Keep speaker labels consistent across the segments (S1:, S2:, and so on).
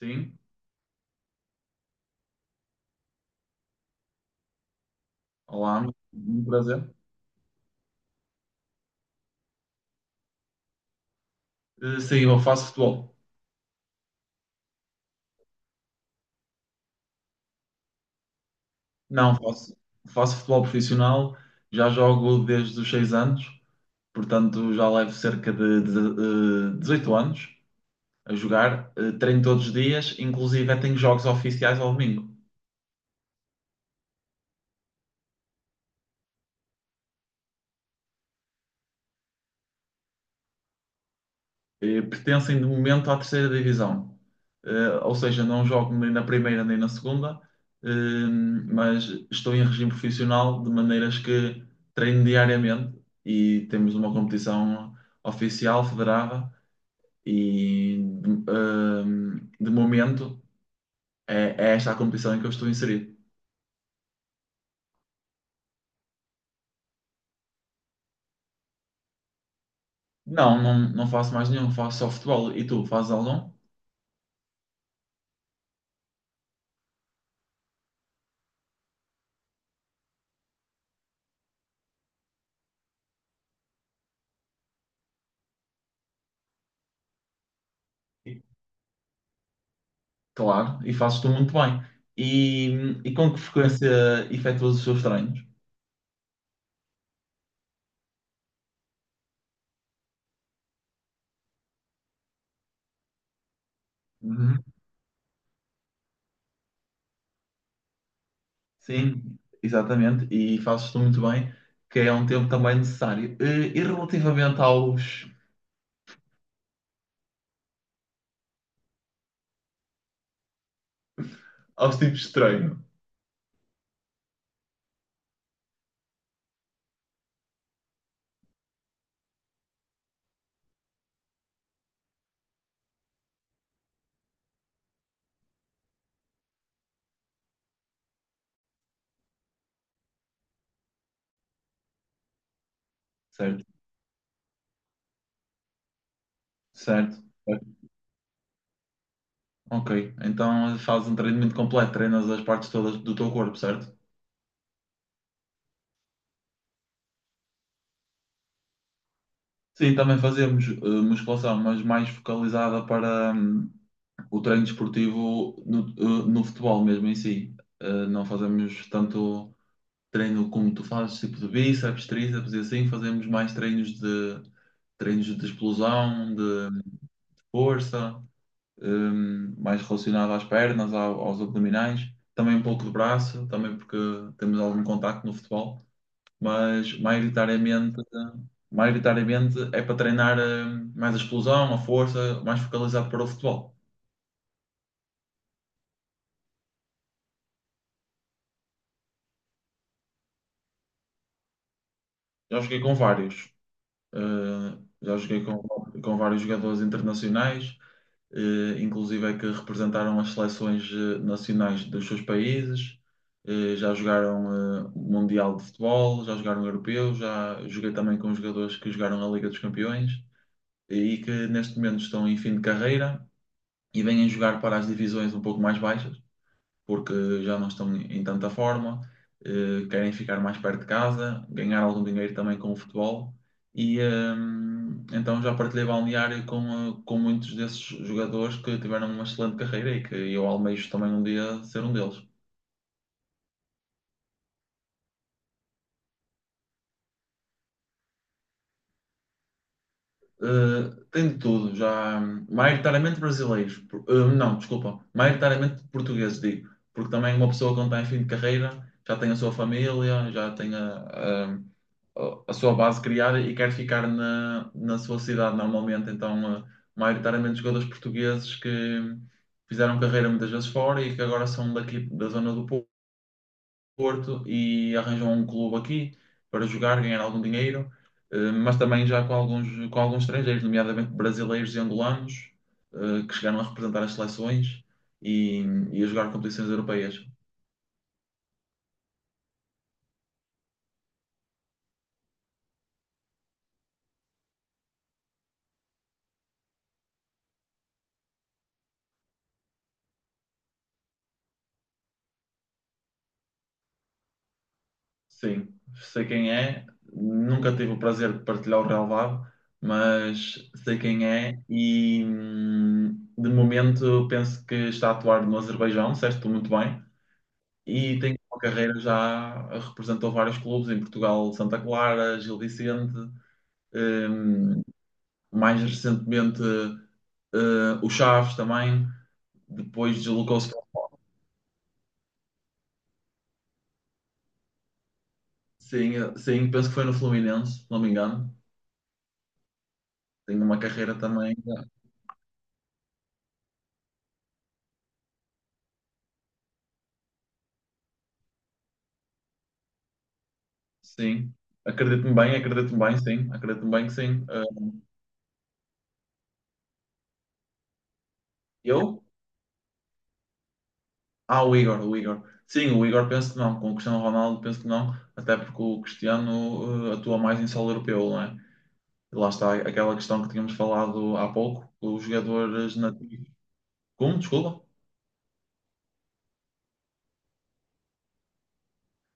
S1: Sim, olá, muito prazer. Sim, eu faço futebol. Não, faço futebol profissional, já jogo desde os 6 anos, portanto já levo cerca 18 anos a jogar, treino todos os dias, inclusive tenho jogos oficiais ao domingo. Pertencem de momento à terceira divisão. Ou seja, não jogo nem na primeira nem na segunda, eh, mas estou em regime profissional de maneiras que treino diariamente e temos uma competição oficial, federada, e de, eh, de momento é esta a competição em que eu estou inserido. Não, não, não faço mais nenhum, faço só futebol. E tu, fazes algum? E, claro, e fazes tu muito bem. E, e com que frequência efetuas os seus treinos? Uhum. Sim, exatamente, e fazes tu muito bem, que é um tempo também necessário. E relativamente aos, aos tipos de treino, certo? Certo. Ok, então fazes um treinamento completo, treinas as partes todas do teu corpo, certo? Sim, também fazemos musculação, mas mais focalizada para o treino desportivo no futebol mesmo em si. Não fazemos tanto treino como tu fazes, tipo de bíceps, tríceps e assim, fazemos mais treinos de explosão, de força, mais relacionado às pernas, aos abdominais, também um pouco de braço, também porque temos algum contacto no futebol. Mas maioritariamente é para treinar mais a explosão, a força, mais focalizado para o futebol. Já joguei com vários, já joguei com vários jogadores internacionais, inclusive é que representaram as seleções nacionais dos seus países, já jogaram Mundial de Futebol, já jogaram Europeu, já joguei também com jogadores que jogaram a Liga dos Campeões e que neste momento estão em fim de carreira e vêm jogar para as divisões um pouco mais baixas, porque já não estão em tanta forma, querem ficar mais perto de casa, ganhar algum dinheiro também com o futebol. Então já partilhei balneário com muitos desses jogadores que tiveram uma excelente carreira e que eu almejo também um dia ser um deles. Tem de tudo, já maioritariamente brasileiros, não, desculpa, maioritariamente portugueses, digo, porque também uma pessoa quando está em fim de carreira já tem a sua família, já tem a- a sua base criada e quer ficar na sua cidade normalmente. Então, maioritariamente jogadores portugueses que fizeram carreira muitas vezes fora e que agora são daqui da zona do Porto e arranjam um clube aqui para jogar, ganhar algum dinheiro, mas também já com alguns estrangeiros, nomeadamente brasileiros e angolanos, que chegaram a representar as seleções e, e a jogar competições europeias. Sim, sei quem é, nunca tive o prazer de partilhar o relvado, mas sei quem é e de momento penso que está a atuar no Azerbaijão, disseste muito bem, e tem uma carreira já, representou vários clubes em Portugal, Santa Clara, Gil Vicente, hum, mais recentemente o Chaves também, depois deslocou-se para sim, sim, penso que foi no Fluminense, se não me engano, tem uma carreira também. Sim, acredito-me bem, sim, acredito-me bem que sim. Eu? Ah, o Igor, o Igor. Sim, o Igor penso que não, com o Cristiano Ronaldo penso que não, até porque o Cristiano atua mais em solo europeu, não é? E lá está aquela questão que tínhamos falado há pouco, os jogadores nativos. Como? Desculpa?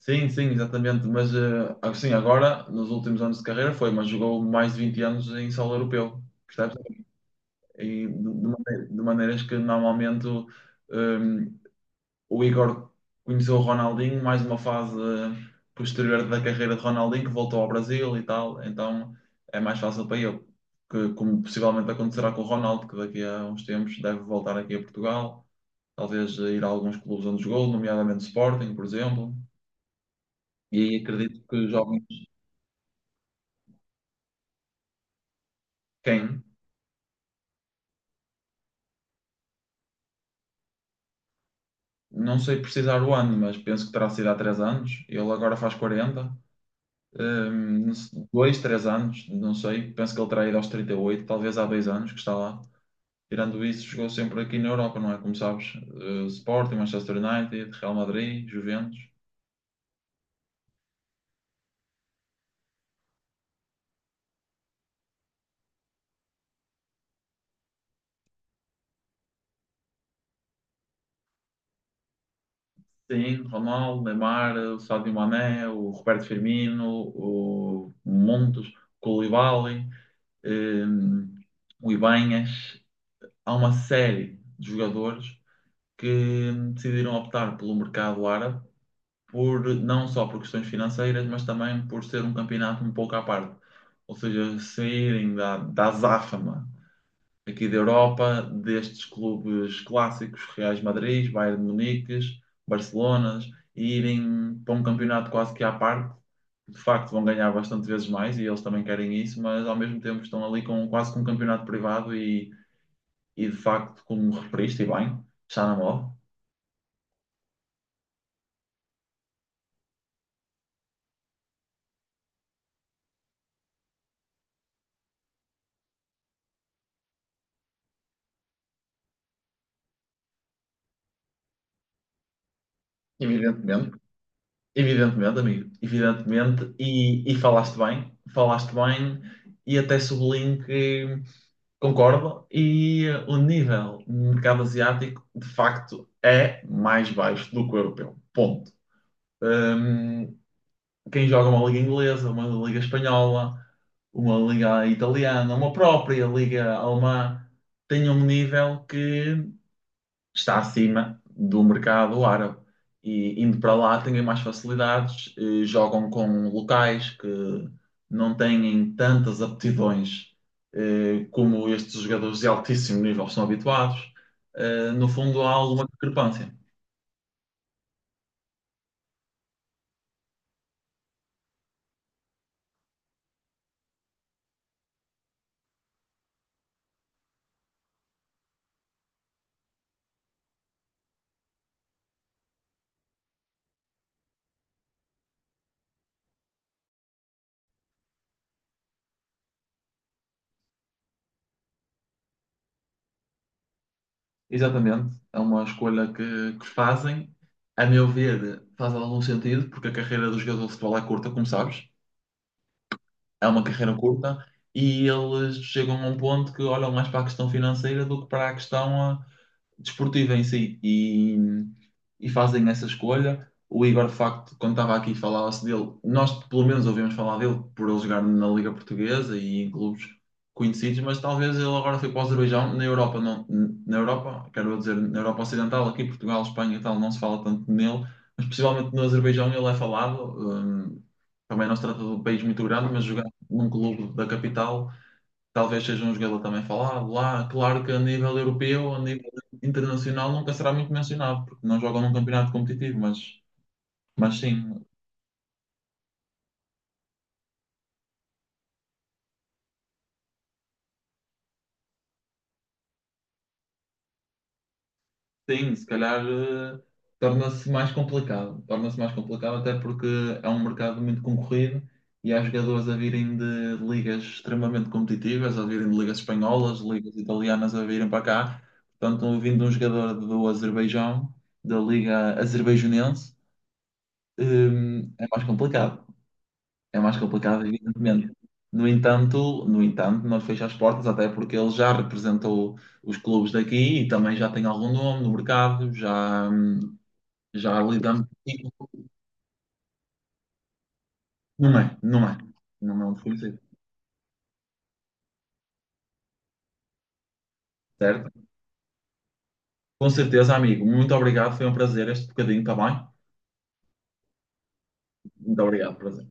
S1: Sim, sim, exatamente, mas assim, agora, nos últimos anos de carreira foi, mas jogou mais de 20 anos em solo europeu, percebes? E de maneiras que normalmente. ah, o Igor conheceu o Ronaldinho, mais uma fase posterior da carreira de Ronaldinho, que voltou ao Brasil e tal, então é mais fácil para ele, que, como possivelmente acontecerá com o Ronaldo, que daqui a uns tempos deve voltar aqui a Portugal, talvez ir a alguns clubes onde jogou, nomeadamente Sporting, por exemplo, e aí acredito que os jovens, quem? Não sei precisar o ano, mas penso que terá sido há 3 anos, ele agora faz 40. Não sei, dois, três anos, não sei. Penso que ele terá ido aos 38, talvez há 2 anos que está lá. Tirando isso, jogou sempre aqui na Europa, não é? Como sabes, Sporting, Manchester United, Real Madrid, Juventus. Sim, Ronaldo, Neymar, o Sadio Mané, o Roberto Firmino, o Montes, o Koulibaly, eh, o Ibanhas. Há uma série de jogadores que decidiram optar pelo mercado árabe, não só por questões financeiras, mas também por ser um campeonato um pouco à parte. Ou seja, saírem da azáfama aqui da Europa, destes clubes clássicos, Reais Madrid, Bayern de Munique, Barcelonas, e irem para um campeonato quase que à parte. De facto, vão ganhar bastante vezes mais e eles também querem isso, mas ao mesmo tempo estão ali com quase com um campeonato privado e de facto, como referiste, e bem, está na moda. Evidentemente. Evidentemente, amigo, evidentemente, e falaste bem, e até sublinho que concordo, e o nível no mercado asiático de facto é mais baixo do que o europeu. Ponto. Hum, quem joga uma liga inglesa, uma liga espanhola, uma liga italiana, uma própria liga alemã, tem um nível que está acima do mercado árabe. E indo para lá têm mais facilidades, jogam com locais que não têm tantas aptidões como estes jogadores de altíssimo nível são habituados. No fundo, há alguma discrepância. Exatamente, é uma escolha que fazem. A meu ver, faz algum sentido, porque a carreira do jogador de futebol é curta, como sabes. É uma carreira curta e eles chegam a um ponto que olham mais para a questão financeira do que para a questão desportiva em si e fazem essa escolha. O Igor, de facto, quando estava aqui, falava-se dele. Nós, pelo menos, ouvimos falar dele por ele jogar na Liga Portuguesa e em clubes conhecidos, mas talvez ele agora foi para o Azerbaijão. Na Europa, não, na Europa, quero dizer, na Europa Ocidental, aqui Portugal, Espanha e tal, não se fala tanto nele, mas possivelmente no Azerbaijão ele é falado. Também não se trata de um país muito grande, mas jogar num clube da capital talvez seja um jogador também falado lá. Claro que a nível europeu, a nível internacional, nunca será muito mencionado, porque não jogam num campeonato competitivo, mas sim, sim, se calhar torna-se mais complicado. Torna-se mais complicado, até porque é um mercado muito concorrido e há jogadores a virem de ligas extremamente competitivas, a virem de ligas espanholas, ligas italianas a virem para cá. Portanto, vindo um jogador do Azerbaijão, da Liga Azerbaijanense, eh, é mais complicado. É mais complicado, evidentemente. No entanto, não fecha as portas, até porque ele já representou os clubes daqui e também já tem algum nome no mercado, já lidamos. Isso. Não é, não é. Não é um desconhecido, certo? Com certeza, amigo. Muito obrigado, foi um prazer este bocadinho, está bem? Muito obrigado, prazer.